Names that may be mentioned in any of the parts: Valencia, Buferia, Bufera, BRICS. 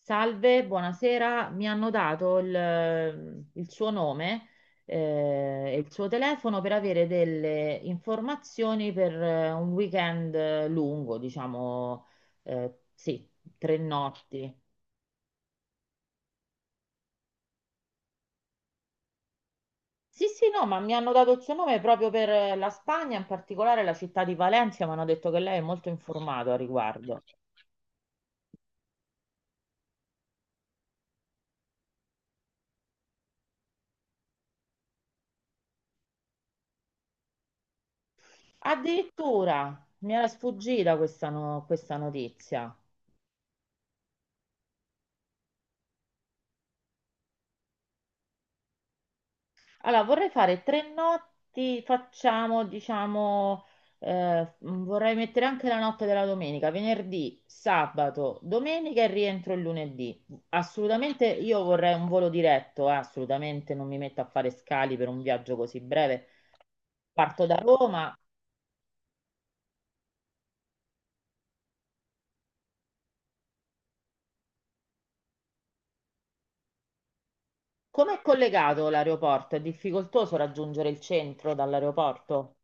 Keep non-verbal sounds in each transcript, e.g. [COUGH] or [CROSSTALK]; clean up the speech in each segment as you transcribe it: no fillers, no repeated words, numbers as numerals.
Salve, buonasera. Mi hanno dato il suo nome, e il suo telefono per avere delle informazioni per un weekend lungo, diciamo, sì, 3 notti. Sì, sì, no, ma mi hanno dato il suo nome proprio per la Spagna, in particolare la città di Valencia. Mi hanno detto che lei è molto informato a riguardo. Addirittura mi era sfuggita questa, no- questa notizia. Allora, vorrei fare 3 notti, facciamo, diciamo, vorrei mettere anche la notte della domenica: venerdì, sabato, domenica e rientro il lunedì. Assolutamente, io vorrei un volo diretto, assolutamente non mi metto a fare scali per un viaggio così breve. Parto da Roma. Com'è collegato l'aeroporto? È difficoltoso raggiungere il centro dall'aeroporto?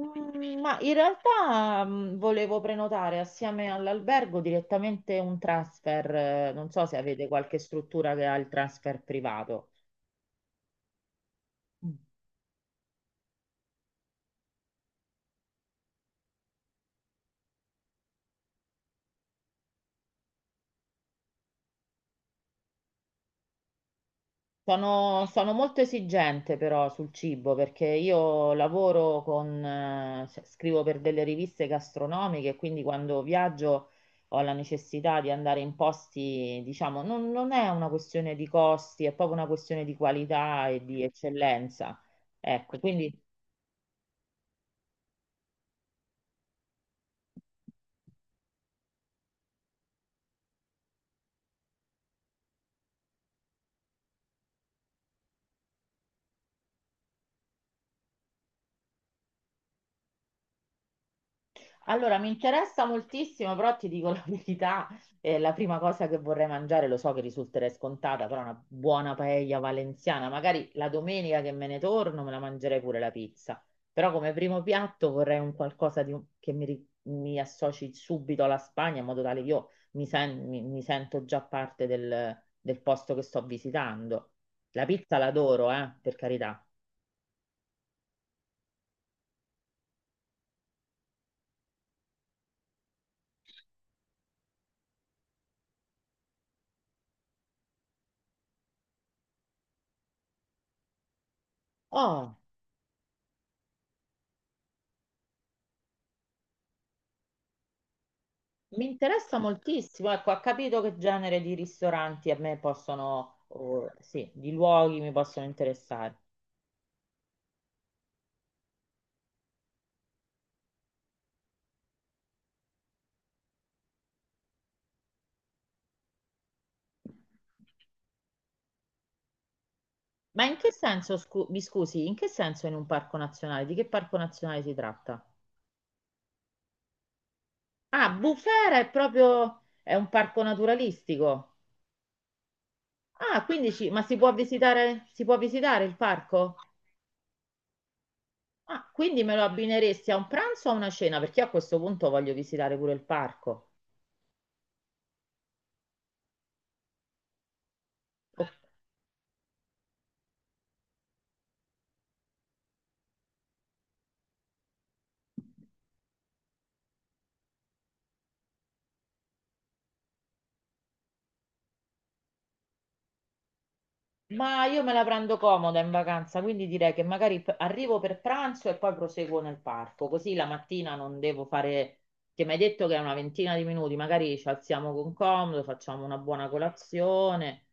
Ma in realtà, volevo prenotare assieme all'albergo direttamente un transfer. Non so se avete qualche struttura che ha il transfer privato. Mm. Sono molto esigente però sul cibo, perché io lavoro con, cioè, scrivo per delle riviste gastronomiche, quindi quando viaggio ho la necessità di andare in posti, diciamo, non è una questione di costi, è proprio una questione di qualità e di eccellenza. Ecco, quindi. Allora, mi interessa moltissimo, però ti dico la [LAUGHS] verità, la prima cosa che vorrei mangiare, lo so che risulterei scontata, però una buona paella valenziana. Magari la domenica che me ne torno me la mangerei pure la pizza, però come primo piatto vorrei un qualcosa di che mi associ subito alla Spagna, in modo tale che io mi sento già parte del posto che sto visitando. La pizza l'adoro, per carità. Oh. Mi interessa moltissimo, ecco, ha capito che genere di ristoranti a me possono, o, sì, di luoghi mi possono interessare. Ma in che senso, mi scusi, in che senso in un parco nazionale? Di che parco nazionale si tratta? Ah, Bufera è proprio, è un parco naturalistico. Ah, quindi ma si può visitare il parco? Ah, quindi me lo abbineresti a un pranzo o a una cena? Perché io a questo punto voglio visitare pure il parco. Ok. Ma io me la prendo comoda in vacanza, quindi direi che magari arrivo per pranzo e poi proseguo nel parco, così la mattina non devo fare, che mi hai detto che è una ventina di minuti, magari ci alziamo con comodo, facciamo una buona colazione.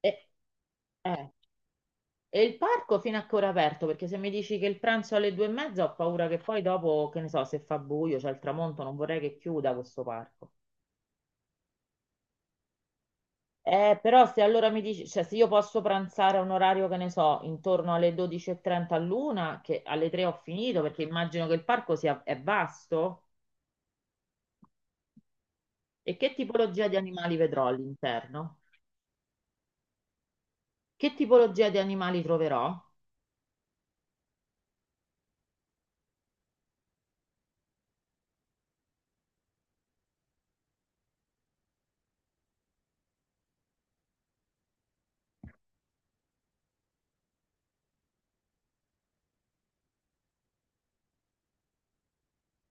E, eh, e il parco fino a che ora è aperto? Perché se mi dici che il pranzo è alle due e mezza ho paura che poi dopo, che ne so, se fa buio, c'è il tramonto, non vorrei che chiuda questo parco. Però se allora mi dici, cioè se io posso pranzare a un orario che ne so, intorno alle 12:30 all'una, che alle 3 ho finito, perché immagino che il parco sia è vasto, e che tipologia di animali vedrò all'interno? Che tipologia di animali troverò?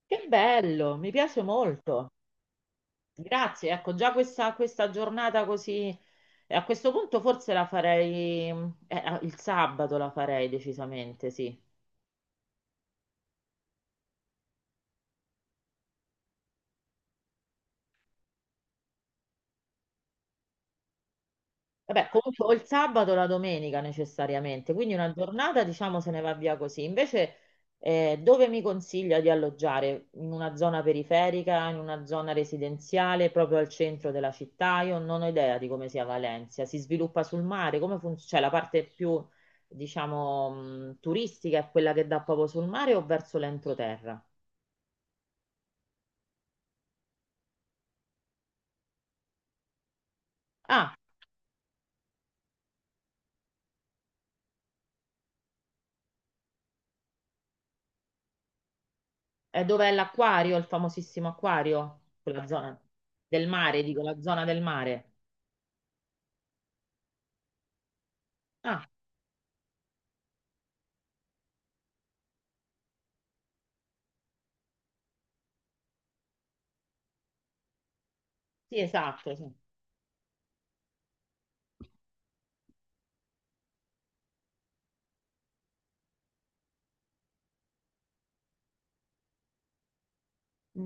Che bello, mi piace molto. Grazie, ecco, già questa giornata così, a questo punto forse la farei, il sabato la farei decisamente, sì. Vabbè, comunque o il sabato o la domenica necessariamente, quindi una giornata diciamo se ne va via così. Invece dove mi consiglia di alloggiare? In una zona periferica, in una zona residenziale, proprio al centro della città? Io non ho idea di come sia Valencia, si sviluppa sul mare, come funziona? Cioè la parte più diciamo turistica è quella che dà proprio sul mare o verso l'entroterra? Ah, è dov'è l'acquario, il famosissimo acquario? Quella zona del mare, dico la zona del mare. Ah. Sì, esatto, sì.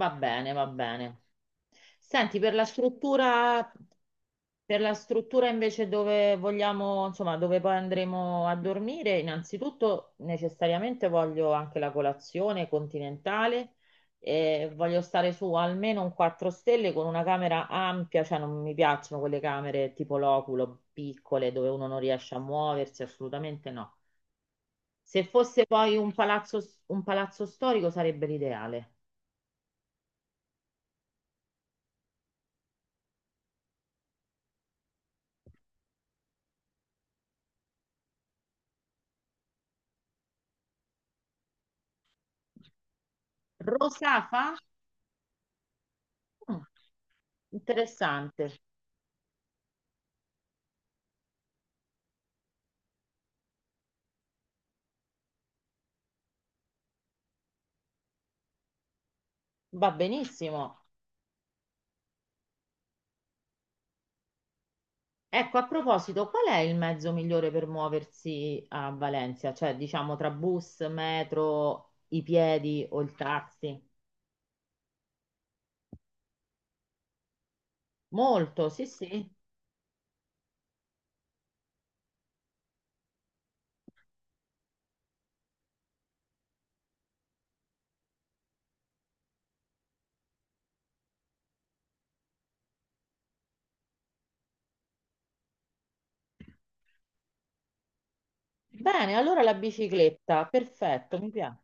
Va bene, va bene. Senti, per la struttura, invece dove vogliamo, insomma, dove poi andremo a dormire, innanzitutto necessariamente voglio anche la colazione continentale, e voglio stare su almeno un 4 stelle con una camera ampia, cioè non mi piacciono quelle camere tipo loculo, piccole, dove uno non riesce a muoversi, assolutamente no. Se fosse poi un palazzo storico sarebbe l'ideale. Rosafa? Mm, interessante, va benissimo. Ecco, a proposito, qual è il mezzo migliore per muoversi a Valencia? Cioè, diciamo, tra bus, metro, i piedi o il taxi? Molto, sì, sì. Bene, allora la bicicletta, perfetto, mi piace.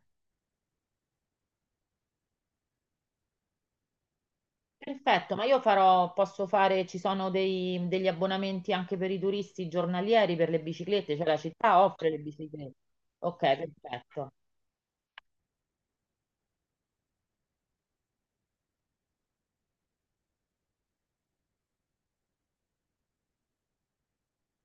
Perfetto, ma io farò, posso fare, ci sono degli abbonamenti anche per i turisti giornalieri per le biciclette, cioè la città offre le biciclette. Ok, perfetto.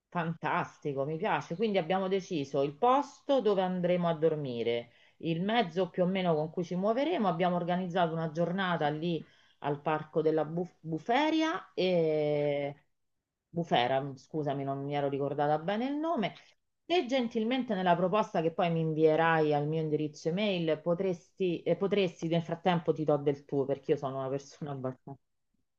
Fantastico, mi piace. Quindi abbiamo deciso il posto dove andremo a dormire, il mezzo più o meno con cui ci muoveremo. Abbiamo organizzato una giornata lì al parco della Buferia e Bufera, scusami, non mi ero ricordata bene il nome. Se gentilmente nella proposta che poi mi invierai al mio indirizzo email potresti nel frattempo, ti do del tuo perché io sono una persona abbastanza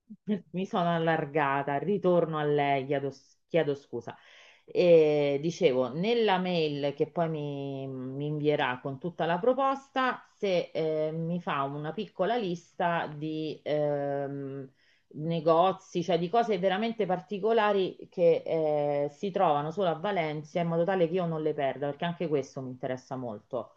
[LAUGHS] mi sono allargata, ritorno a lei, chiedo scusa. E dicevo, nella mail che poi mi invierà con tutta la proposta, se mi fa una piccola lista di negozi, cioè di cose veramente particolari che si trovano solo a Valencia, in modo tale che io non le perda, perché anche questo mi interessa molto.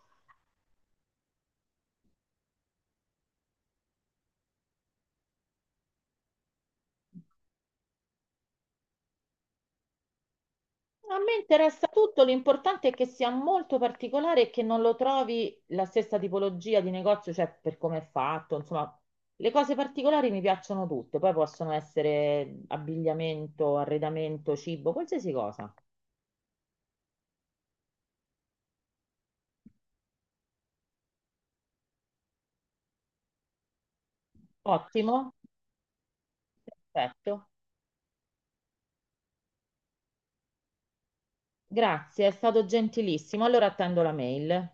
A me interessa tutto, l'importante è che sia molto particolare e che non lo trovi la stessa tipologia di negozio, cioè per come è fatto, insomma, le cose particolari mi piacciono tutte, poi possono essere abbigliamento, arredamento, cibo, qualsiasi cosa. Ottimo, perfetto. Grazie, è stato gentilissimo. Allora attendo la mail.